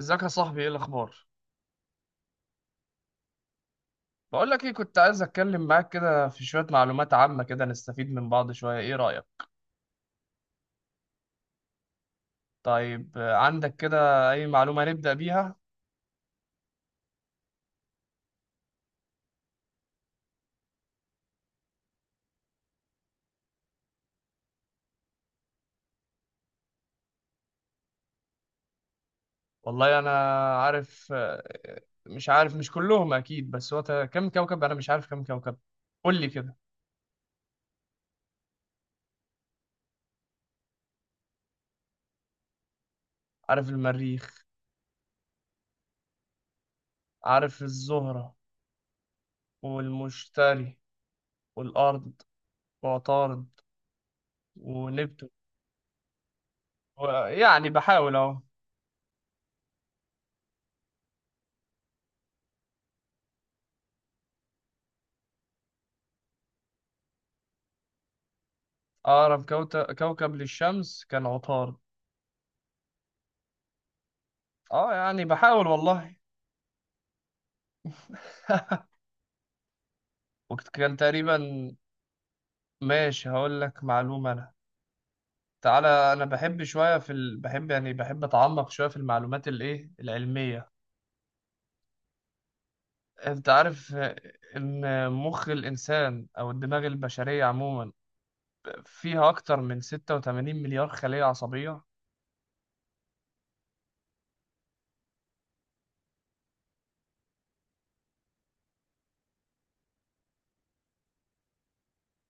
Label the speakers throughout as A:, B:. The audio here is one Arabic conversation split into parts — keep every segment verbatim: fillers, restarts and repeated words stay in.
A: ازيك يا صاحبي؟ ايه الاخبار؟ بقول لك ايه، كنت عايز اتكلم معاك كده في شويه معلومات عامه كده نستفيد من بعض شويه. ايه رايك؟ طيب، آه، عندك كده اي معلومه نبدا بيها؟ والله انا عارف، آه، مش عارف، مش كلهم اكيد، بس هو تا- كم كوكب، انا مش عارف كم كوكب. قول لي كده. عارف المريخ، عارف الزهره والمشتري والارض وعطارد ونبتون. و- يعني بحاول اهو. اقرب كوت- كوكب للشمس كان عطارد. اه يعني بحاول والله. وقت كان تقريبا. ماشي، هقول لك معلومة أنا. تعالى، أنا بحب شوية في ال... بحب يعني بحب أتعمق شوية في المعلومات الإيه العلمية. أنت عارف، آه، إن مخ الإنسان أو الدماغ البشرية عموما فيها أكتر من ستة وتمانين مليار خلية عصبية.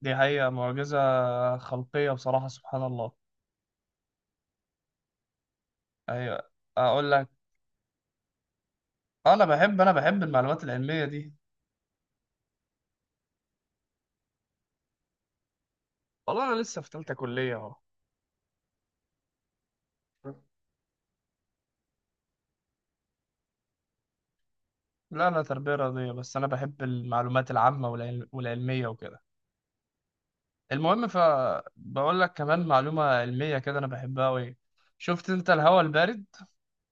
A: دي حقيقة معجزة خلقية بصراحة. سبحان الله. أيوة. أقول لك، أنا بحب أنا بحب المعلومات العلمية دي. والله أنا لسه في تالتة كلية. أهو. لا، أنا تربية رياضية، بس أنا بحب المعلومات العامة والعل- والعلمية وكده. المهم، فبقول لك كمان معلومة علمية كده أنا بحبها أوي. شفت أنت الهواء البارد،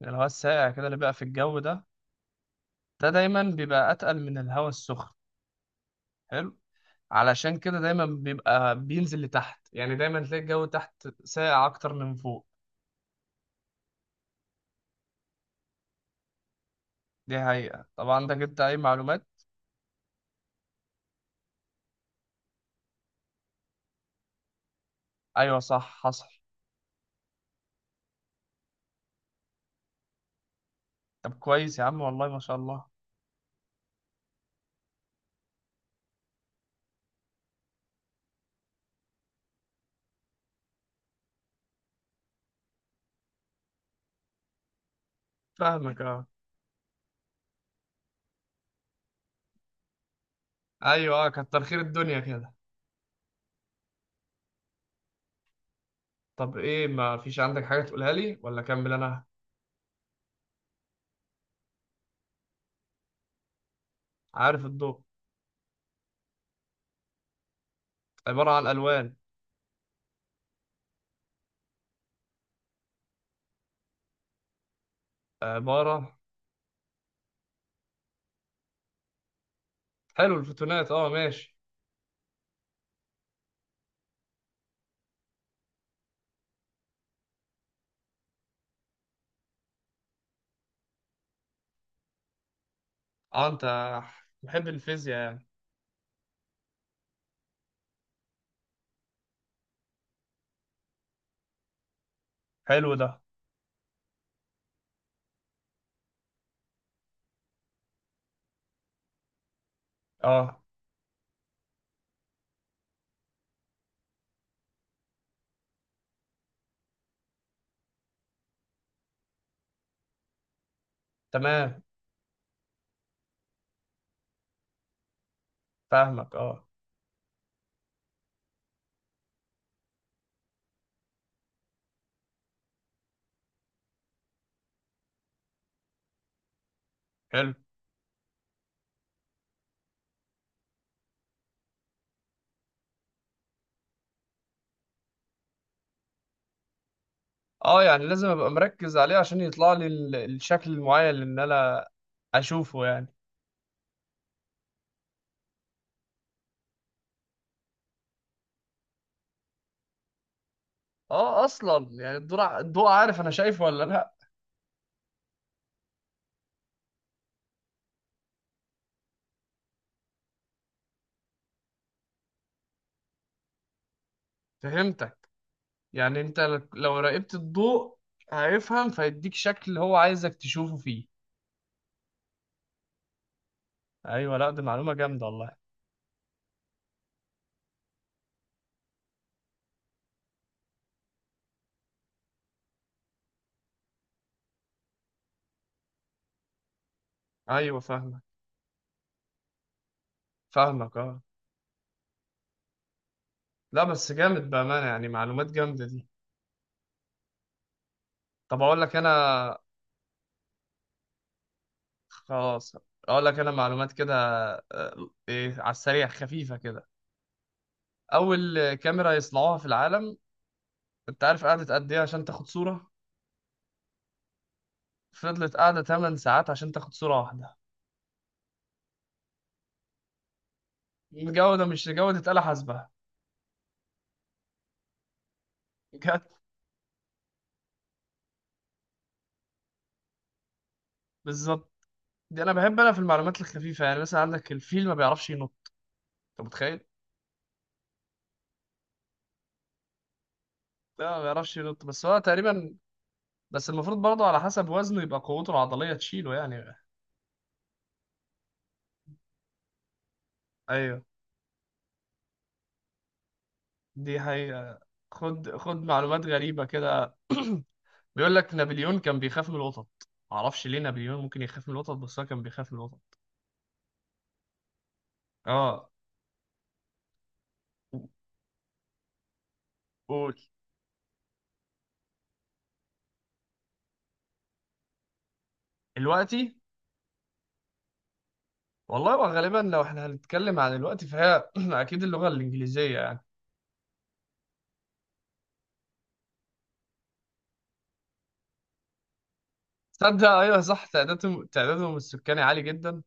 A: الهواء الساقع كده اللي بقى في الجو ده؟ ده دايما بيبقى أتقل من الهواء السخن. حلو. علشان كده دايما بيبقى بينزل لتحت، يعني دايما تلاقي الجو تحت ساقع أكتر من فوق. دي حقيقة. طب عندك أنت أي معلومات؟ أيوة صح، حصل. طب كويس يا عم، والله ما شاء الله. فاهمك أه. أيوة أه، كتر خير الدنيا كده. طب ايه، ما فيش عندك حاجة تقولها لي ولا اكمل انا؟ عارف الضوء عبارة عن الوان. عبارة حلو، الفوتونات اه ماشي. اه، انت محب الفيزياء يعني. حلو ده. اه. تمام. فاهمك اه. حلو. اه، يعني لازم ابقى مركز عليه عشان يطلع لي ال- الشكل المعين اللي إن انا اشوفه يعني. اه اصلا يعني الضوء ع- الضوء عارف انا شايفه ولا لا. فهمتك. يعني انت لو راقبت الضوء هيفهم فيديك شكل هو عايزك تشوفه فيه. ايوه، لا دي معلومه جامده والله. ايوه فاهمك فاهمك اه. لا بس جامد بامانه، يعني معلومات جامده دي. طب اقول لك انا. خلاص، اقول لك انا معلومات كده. آه، ايه على السريع، خفيفه كده. اول كاميرا يصنعوها في العالم، انت عارف قعدت قد ايه عشان تاخد صوره؟ فضلت قاعده تمانية ساعات عشان تاخد صوره واحده. جوده مش جوده آلة حاسبه. جت. بالظبط. دي انا بحب، انا في المعلومات الخفيفه يعني. مثلا عندك الفيل ما بيعرفش ينط، انت متخيل؟ لا ما بيعرفش ينط، بس هو تقريبا، بس المفروض برضه على حسب وزنه يبقى قوته العضلية تشيله يعني. ايوه. دي حقيقة. خد خد معلومات غريبة كده. بيقول لك نابليون كان بيخاف من القطط، معرفش ليه نابليون ممكن يخاف من القطط، بس هو كان بيخاف من القطط. اه قول. دلوقتي. والله، وغالبا لو احنا هنتكلم عن الوقت فهي اكيد اللغة الإنجليزية يعني. تصدق، ايوه صح، تعدادهم تعدادهم السكاني عالي جدا.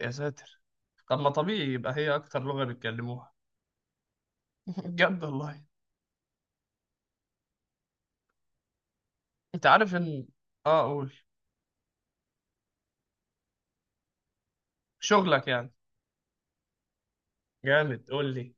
A: يا ساتر، طب ما طبيعي يبقى هي اكتر لغة بيتكلموها. بجد والله. انت عارف ان، اه قول. شغلك يعني. جامد، قول لي.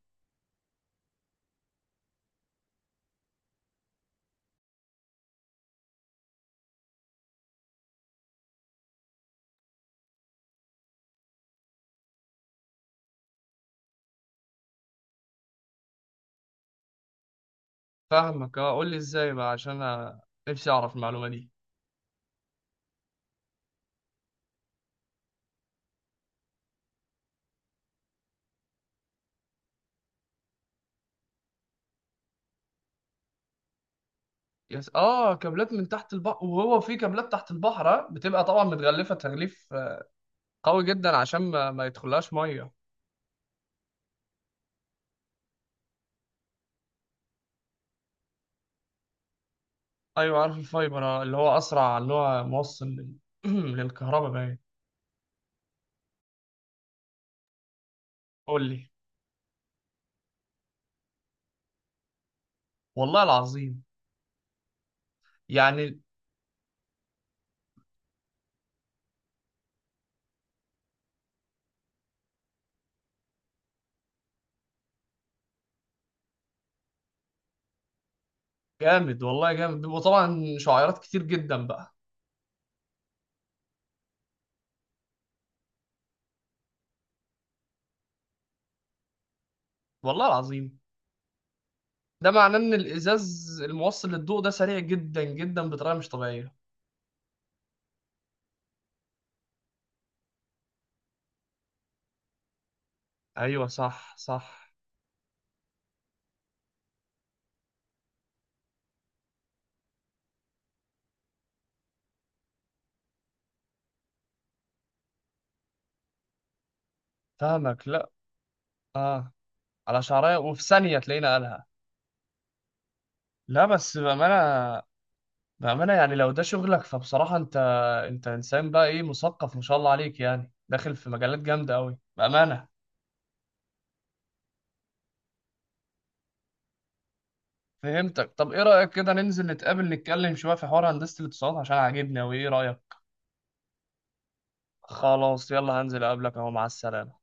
A: فاهمك اه، قول لي ازاي بقى عشان انا نفسي اعرف المعلومه دي. يس اه، كابلات من تحت البحر، وهو في كابلات تحت البحر آه، بتبقى طبعا متغلفه تغليف آه، قوي جدا عشان ما, ما يدخلهاش ميه. ايوه عارف الفايبر، آه، اللي هو اسرع، اللي هو موصل لل... للكهرباء باين. قول لي. والله العظيم. يعني جامد والله، جامد بيبقوا طبعا شعيرات كتير جدا بقى. والله العظيم. ده معناه ان الازاز الموصل للضوء ده سريع جدا جدا بطريقه مش طبيعيه. ايوه صح صح. فاهمك، لا. اه، على شعريه وفي ثانيه تلاقينا قالها. لا بس بامانه، بامانه يعني لو ده شغلك فبصراحه انت انت انسان بقى ايه مثقف ما شاء الله عليك، يعني داخل في مجالات جامده قوي بامانه. فهمتك. طب ايه رايك كده ننزل نتقابل نتكلم شويه في حوار هندسه الاتصالات عشان عاجبني قوي؟ ايه رايك؟ خلاص، يلا هنزل اقابلك اهو. مع السلامه.